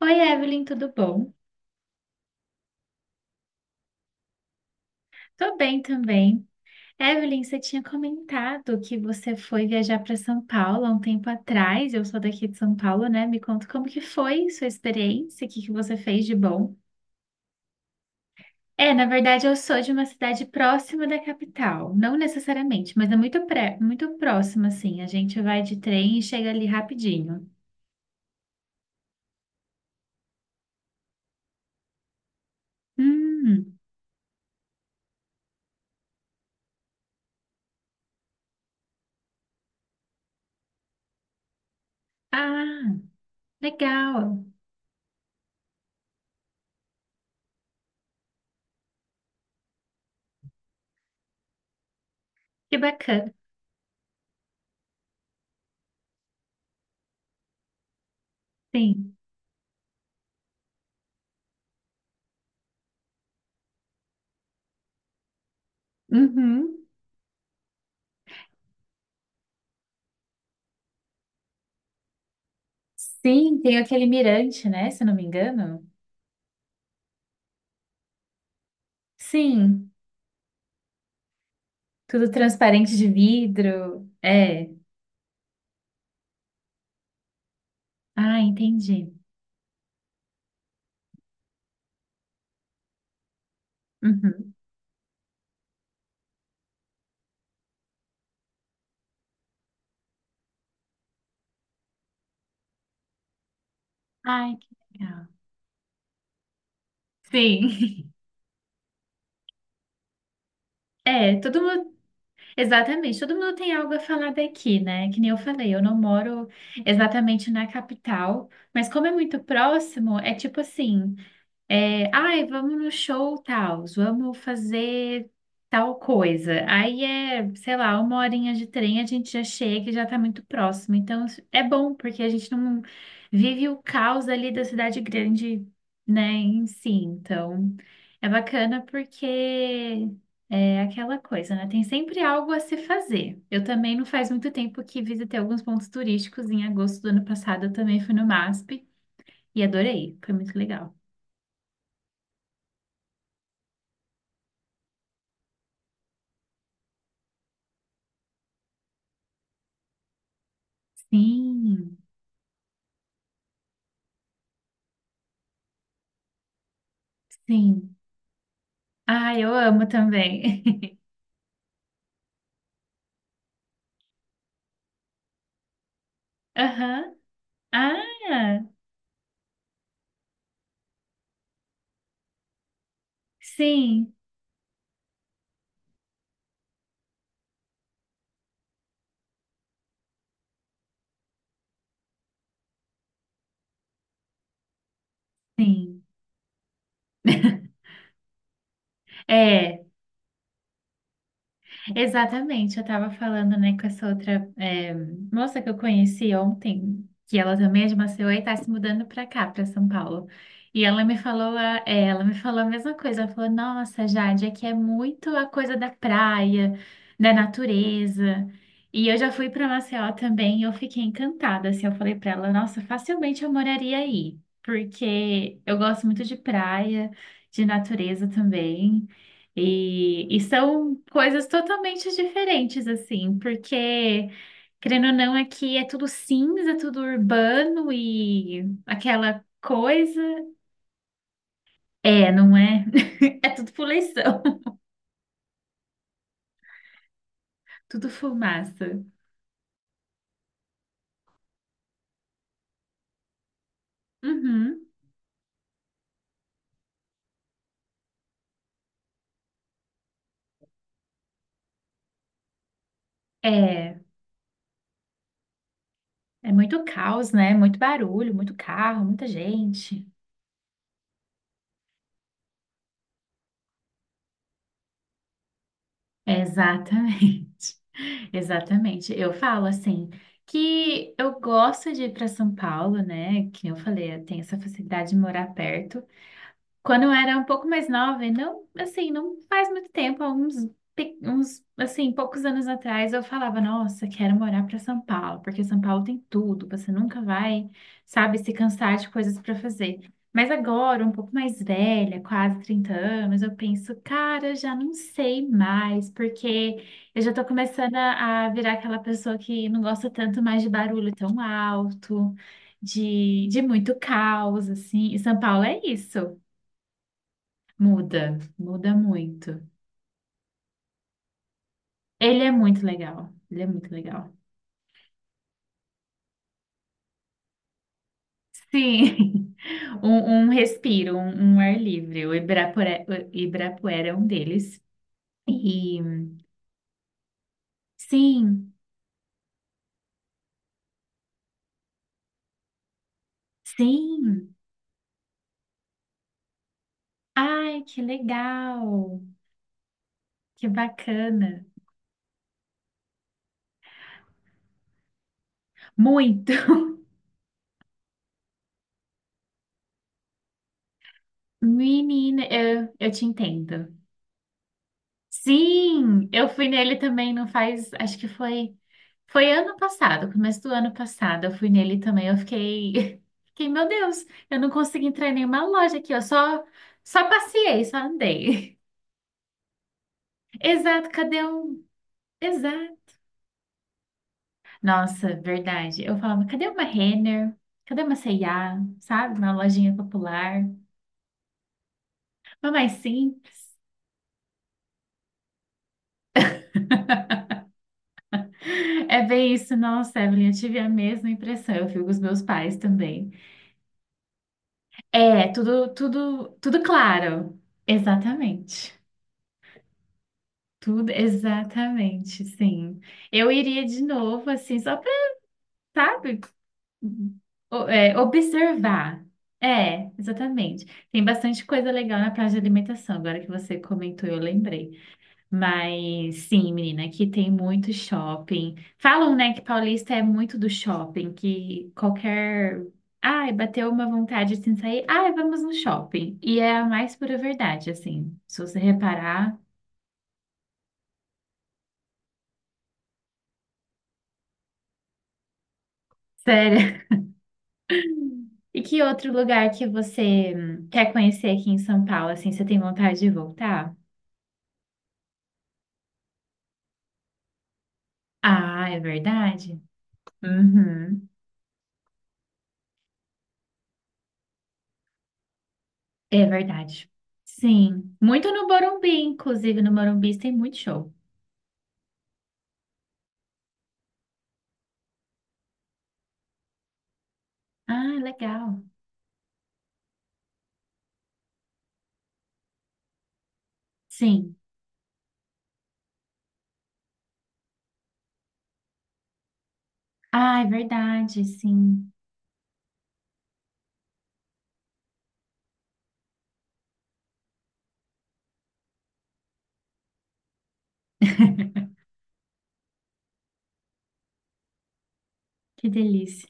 Oi, Evelyn, tudo bom? Tô bem também. Evelyn, você tinha comentado que você foi viajar para São Paulo há um tempo atrás. Eu sou daqui de São Paulo, né? Me conta como que foi sua experiência, o que que você fez de bom? É, na verdade, eu sou de uma cidade próxima da capital, não necessariamente, mas é muito muito próxima, assim. A gente vai de trem e chega ali rapidinho. Hum, ah, legal. Que bacana. Sim. Uhum. Sim, tem aquele mirante, né? Se eu não me engano. Sim, tudo transparente de vidro. É. Ah, entendi. Uhum. Ai, que legal. Sim. É, todo mundo, exatamente, todo mundo tem algo a falar daqui, né? Que nem eu falei, eu não moro exatamente na capital, mas como é muito próximo, é tipo assim. É, ai, vamos no show tal, vamos fazer tal coisa. Aí é, sei lá, uma horinha de trem, a gente já chega e já tá muito próximo. Então isso é bom, porque a gente não vive o caos ali da cidade grande, né, em si. Então é bacana porque é aquela coisa, né? Tem sempre algo a se fazer. Eu também não faz muito tempo que visitei alguns pontos turísticos. Em agosto do ano passado eu também fui no MASP e adorei, foi muito legal. Sim, sim. Ah, eu amo também. Aham. Ah, sim, sim. É. Exatamente, eu estava falando, né, com essa outra, moça que eu conheci ontem, que ela também é de Maceió e está se mudando para cá, para São Paulo. E ela me falou ela me falou a mesma coisa, ela falou, nossa, Jade, aqui é muito a coisa da praia, da natureza. E eu já fui para Maceió também e eu fiquei encantada, assim, eu falei para ela, nossa, facilmente eu moraria aí, porque eu gosto muito de praia, de natureza também. E são coisas totalmente diferentes, assim, porque, querendo ou não, aqui é tudo cinza, tudo urbano e aquela coisa. É, não é? É tudo poluição, tudo fumaça. Uhum. É, é muito caos, né? Muito barulho, muito carro, muita gente. Exatamente, exatamente. Eu falo assim que eu gosto de ir para São Paulo, né? Que eu falei, eu tenho essa facilidade de morar perto. Quando eu era um pouco mais nova, e não, assim, não faz muito tempo, há uns, assim, poucos anos atrás, eu falava, nossa, quero morar para São Paulo, porque São Paulo tem tudo, você nunca vai, sabe, se cansar de coisas para fazer. Mas agora, um pouco mais velha, quase 30 anos, eu penso, cara, já não sei mais, porque eu já tô começando a virar aquela pessoa que não gosta tanto mais de barulho tão alto, de muito caos, assim, e São Paulo é isso. Muda, muda muito. Ele é muito legal. Ele é muito legal. Sim, um respiro, um ar livre. O Ibirapuera é um deles. E sim, sim. Ai, que legal. Que bacana. Muito. Menina, eu te entendo. Sim, eu fui nele também, não faz, acho que foi. Foi ano passado, começo do ano passado, eu fui nele também, eu fiquei, fiquei, meu Deus, eu não consegui entrar em nenhuma loja aqui, eu só, só passeei, só andei. Exato, cadê um? Exato. Nossa, verdade. Eu falava, cadê uma Renner? Cadê uma C&A? Sabe? Uma lojinha popular. Uma mais simples. É bem isso, nossa, Evelyn, eu tive a mesma impressão, eu fui com os meus pais também. É, tudo, tudo, tudo claro. Exatamente. Tudo, exatamente, sim. Eu iria de novo, assim, só para, sabe, é, observar. É, exatamente. Tem bastante coisa legal na praia de alimentação, agora que você comentou, eu lembrei. Mas sim, menina, aqui tem muito shopping. Falam, né, que paulista é muito do shopping, que qualquer. Ai, bateu uma vontade assim de sair. Ai, vamos no shopping. E é a mais pura verdade, assim. Se você reparar. E que outro lugar que você quer conhecer aqui em São Paulo, assim, você tem vontade de voltar? Ah, é verdade? Uhum, é verdade. Sim, muito no Morumbi, inclusive no Morumbi tem muito show. Ah, legal. Sim. Ah, é verdade, sim. Que delícia.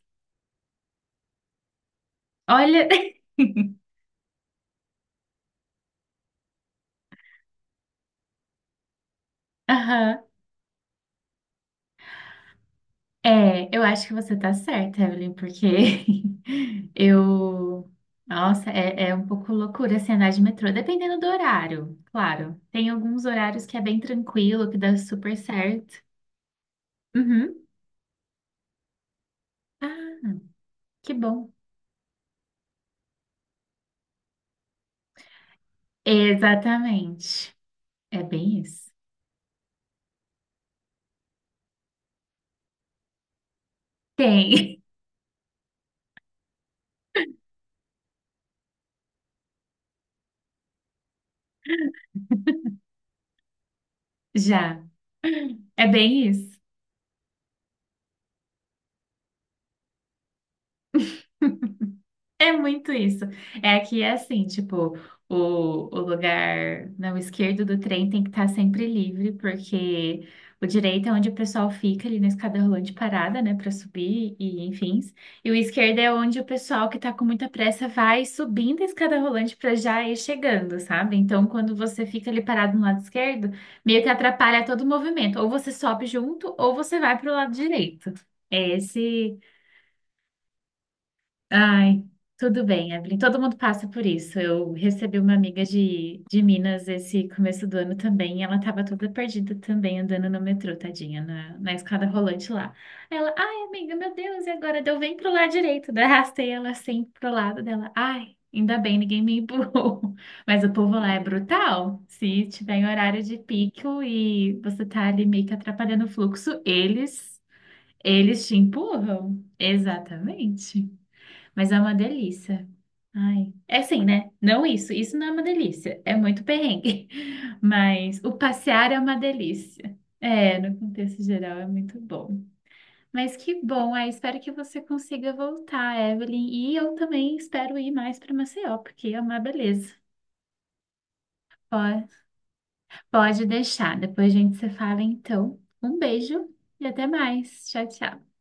Olha. Aham. É, eu acho que você tá certa, Evelyn, porque eu. Nossa, é, é um pouco loucura assim, andar de metrô, dependendo do horário, claro. Tem alguns horários que é bem tranquilo, que dá super certo. Uhum. Ah, que bom. Exatamente. É bem isso. Tem, já. É bem isso. É muito isso. É que é assim, tipo, o, o lugar não esquerdo do trem tem que estar sempre livre, porque o direito é onde o pessoal fica ali na escada rolante parada, né, para subir e enfim. E o esquerdo é onde o pessoal que tá com muita pressa vai subindo a escada rolante para já ir chegando, sabe? Então, quando você fica ali parado no lado esquerdo, meio que atrapalha todo o movimento. Ou você sobe junto, ou você vai para o lado direito. É esse. Ai, tudo bem, Evelyn. Todo mundo passa por isso. Eu recebi uma amiga de Minas esse começo do ano também. E ela estava toda perdida também, andando no metrô, tadinha, na escada rolante lá. Aí ela, ai, amiga, meu Deus, e agora? Deu bem pro lado direito. Daí arrastei ela assim pro lado dela. Ai, ainda bem, ninguém me empurrou. Mas o povo lá é brutal. Se tiver em horário de pico e você tá ali meio que atrapalhando o fluxo, eles te empurram. Exatamente. Mas é uma delícia. Ai. É assim, né? Não isso. Isso não é uma delícia. É muito perrengue. Mas o passear é uma delícia. É, no contexto geral é muito bom. Mas que bom. Aí espero que você consiga voltar, Evelyn. E eu também espero ir mais para Maceió, porque é uma beleza. Pode, pode deixar. Depois a gente se fala, então. Um beijo e até mais. Tchau, tchau.